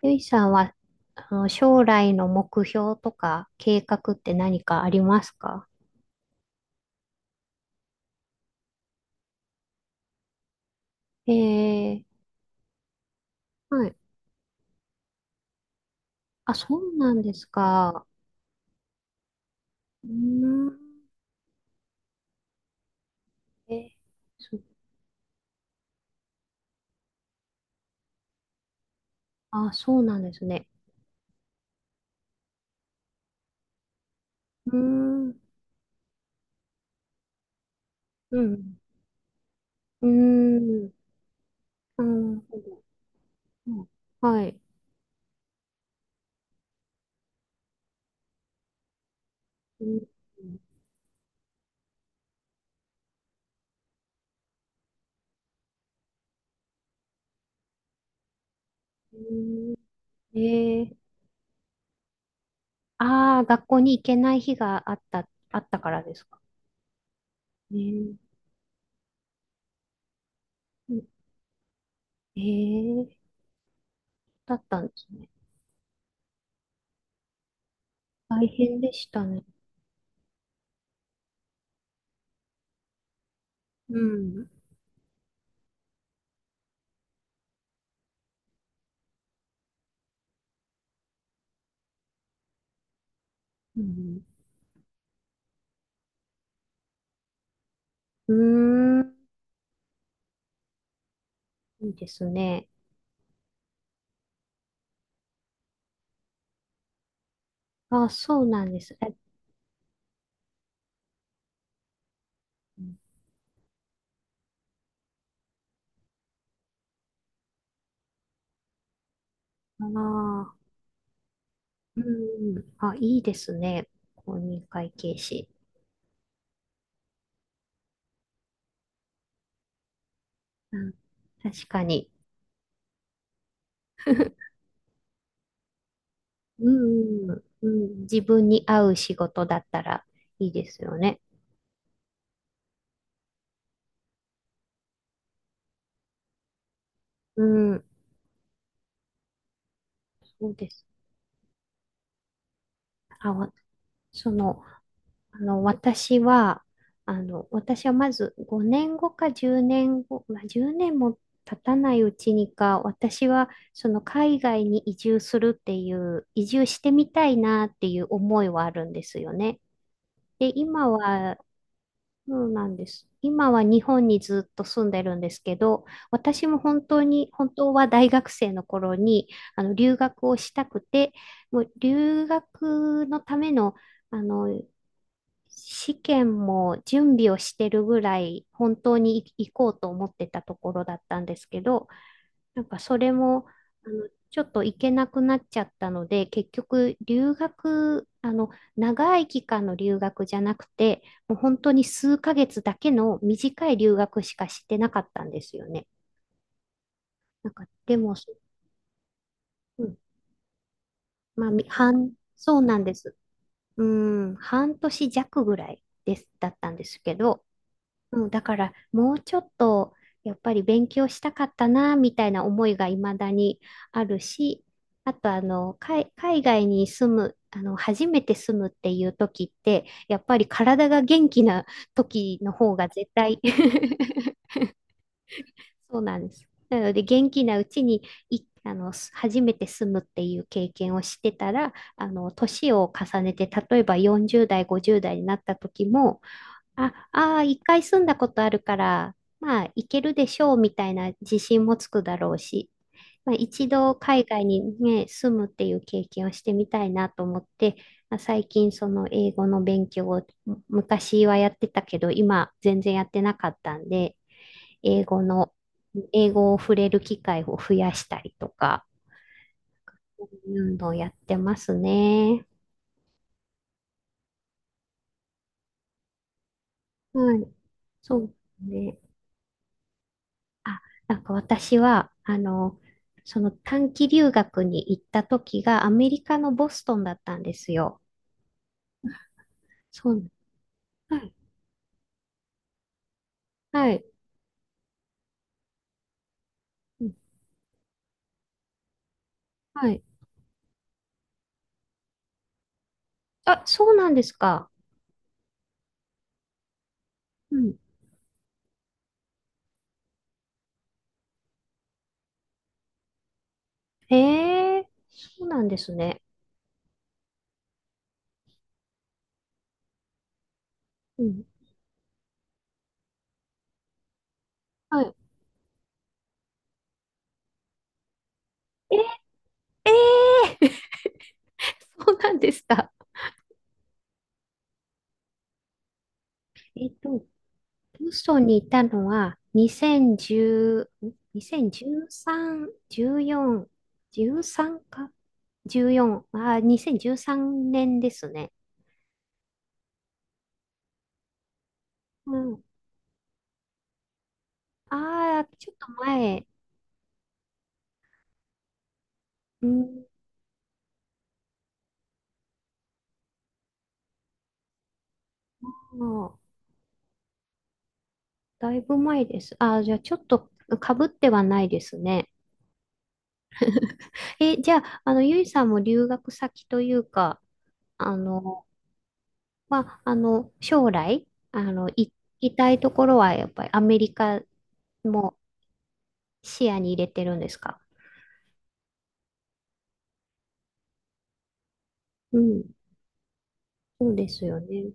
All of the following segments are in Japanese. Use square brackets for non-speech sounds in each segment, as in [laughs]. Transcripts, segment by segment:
ゆいさんは、将来の目標とか計画って何かありますか？ええ、はい。あ、そうなんですか。うーん。え、そ、あ、そうなんですね。うーん。うん。うーん。なるほど。うん、はい。うん。うん、ええ、ああ、学校に行けない日があったからですか？ね。え。ええー、だったんですね。大変でしたね。うん。うん。うーん。いいですね。あ、そうなんです。え、ああ、うん。あ、いいですね。公認会計士。うん。確かに。[laughs] うん、うんうん。自分に合う仕事だったらいいですよね。うん。そうです。あ、わその、あの、私は、私はまず5年後か10年後、まあ、10年も経たないうちにか、私はその海外に移住するっていう、移住してみたいなっていう思いはあるんですよね。で、今は、そうなんです。今は日本にずっと住んでるんですけど、私も本当は大学生の頃に、留学をしたくて、もう留学のための、あの、試験も準備をしてるぐらい本当に行こうと思ってたところだったんですけど、なんかそれもちょっと行けなくなっちゃったので、結局留学、長い期間の留学じゃなくて、もう本当に数ヶ月だけの短い留学しかしてなかったんですよね。なんかでも、うん、まあ、そうなんです。うん、半年弱ぐらいだったんですけど、うん、だからもうちょっとやっぱり勉強したかったなみたいな思いが未だにあるし、あと、海外に住む、初めて住むっていう時ってやっぱり体が元気な時の方が絶対。 [laughs] そうなんです。なので元気なうちにいあのす初めて住むっていう経験をしてたら、あの年を重ねて例えば40代50代になった時も、あ、ああ、一回住んだことあるから、まあ、行けるでしょうみたいな自信もつくだろうし、まあ、一度海外にね、住むっていう経験をしてみたいなと思って、まあ、最近その英語の勉強を、昔はやってたけど、今全然やってなかったんで、英語の、英語を触れる機会を増やしたりとか、そういうのをやってますね。はい、そうね。あ、なんか私は、その短期留学に行った時がアメリカのボストンだったんですよ。そう。はい。はい。うん、はい。あ、そうなんですか。うん。ええ、そうなんですね。うん。はい。え、え、え。 [laughs] そうなんですか。えっと、ボストンにいたのは2010、2013、14、13か ?14、あ、2013年ですね。うん。ああ、ちょっと前。うん。もう、だいぶ前です。ああ、じゃあちょっとかぶってはないですね。え、じゃあ、ゆいさんも留学先というか、あの、将来、行きたいところはやっぱりアメリカも視野に入れてるんですか？うん。そうですよね。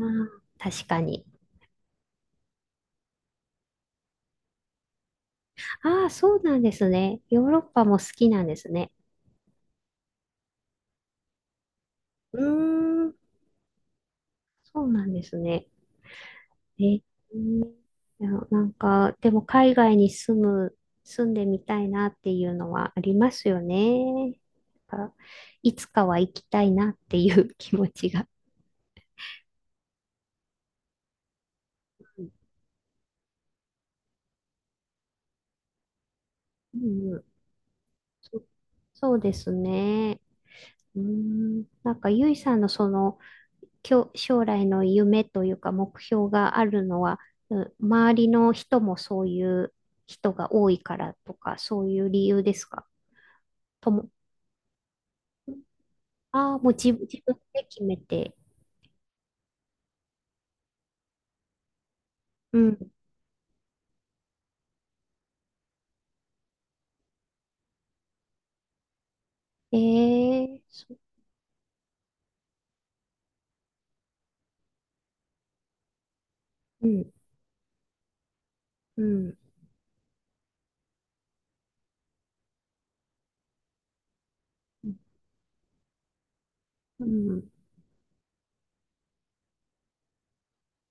ああ、確かに。ああ、そうなんですね。ヨーロッパも好きなんですね。うーん、そうなんですね。いや、なんか、でも海外に住む、住んでみたいなっていうのはありますよね。なんかいつかは行きたいなっていう気持ちが。うん、うん、そそうですね。うん、なんか、ゆいさんのその、将来の夢というか目標があるのは、うん、周りの人もそういう人が多いからとか、そういう理由ですか？とも、ああ、もう自分で決めて。うん。ええ、そう、うん、うん、うん、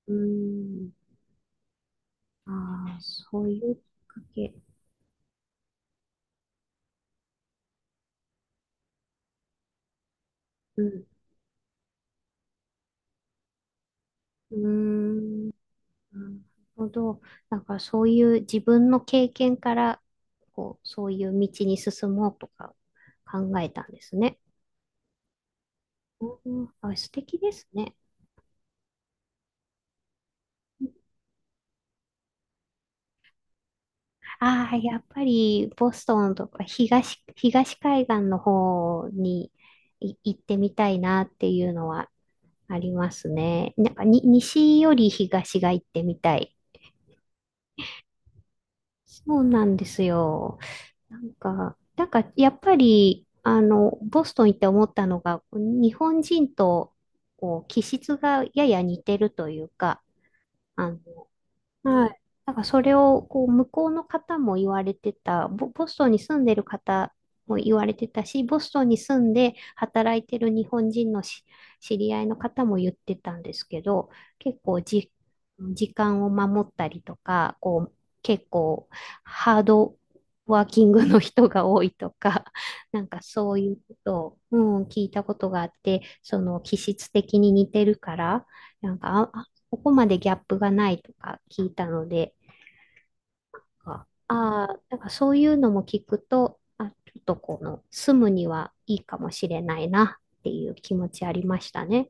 うん。ああ、そういうきっかけ。うん、うーん、なるほど。なんかそういう自分の経験から、こう、そういう道に進もうとか考えたんですね。うん、あ、素敵ですね。ああ、やっぱりボストンとか東海岸の方に行ってみたいなっていうのはありますね。なんか、西より東が行ってみたい。そうなんですよ。なんかやっぱり、ボストン行って思ったのが、日本人とこう気質がやや似てるというか、あの、はい。なんかそれをこう向こうの方も言われてた、ボストンに住んでる方も言われてたし、ボストンに住んで働いてる日本人の知り合いの方も言ってたんですけど、結構、時間を守ったりとか、こう結構ハードワーキングの人が多いとか、[laughs] なんかそういうことを、うん、聞いたことがあって、その気質的に似てるから、なんかあ、ここまでギャップがないとか聞いたので、ああー、だからそういうのも聞くと、あ、ちょっとこの住むにはいいかもしれないなっていう気持ちありましたね。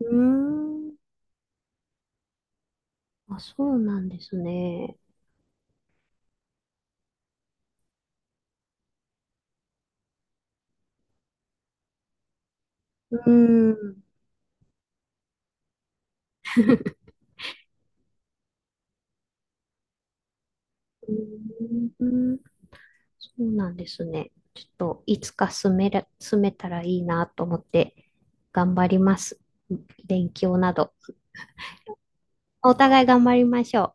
うーん、あ、そうなんですね。うーん、うーん、そうなんですね。ちょっといつか住めたらいいなと思って頑張ります。勉強など。お互い頑張りましょう。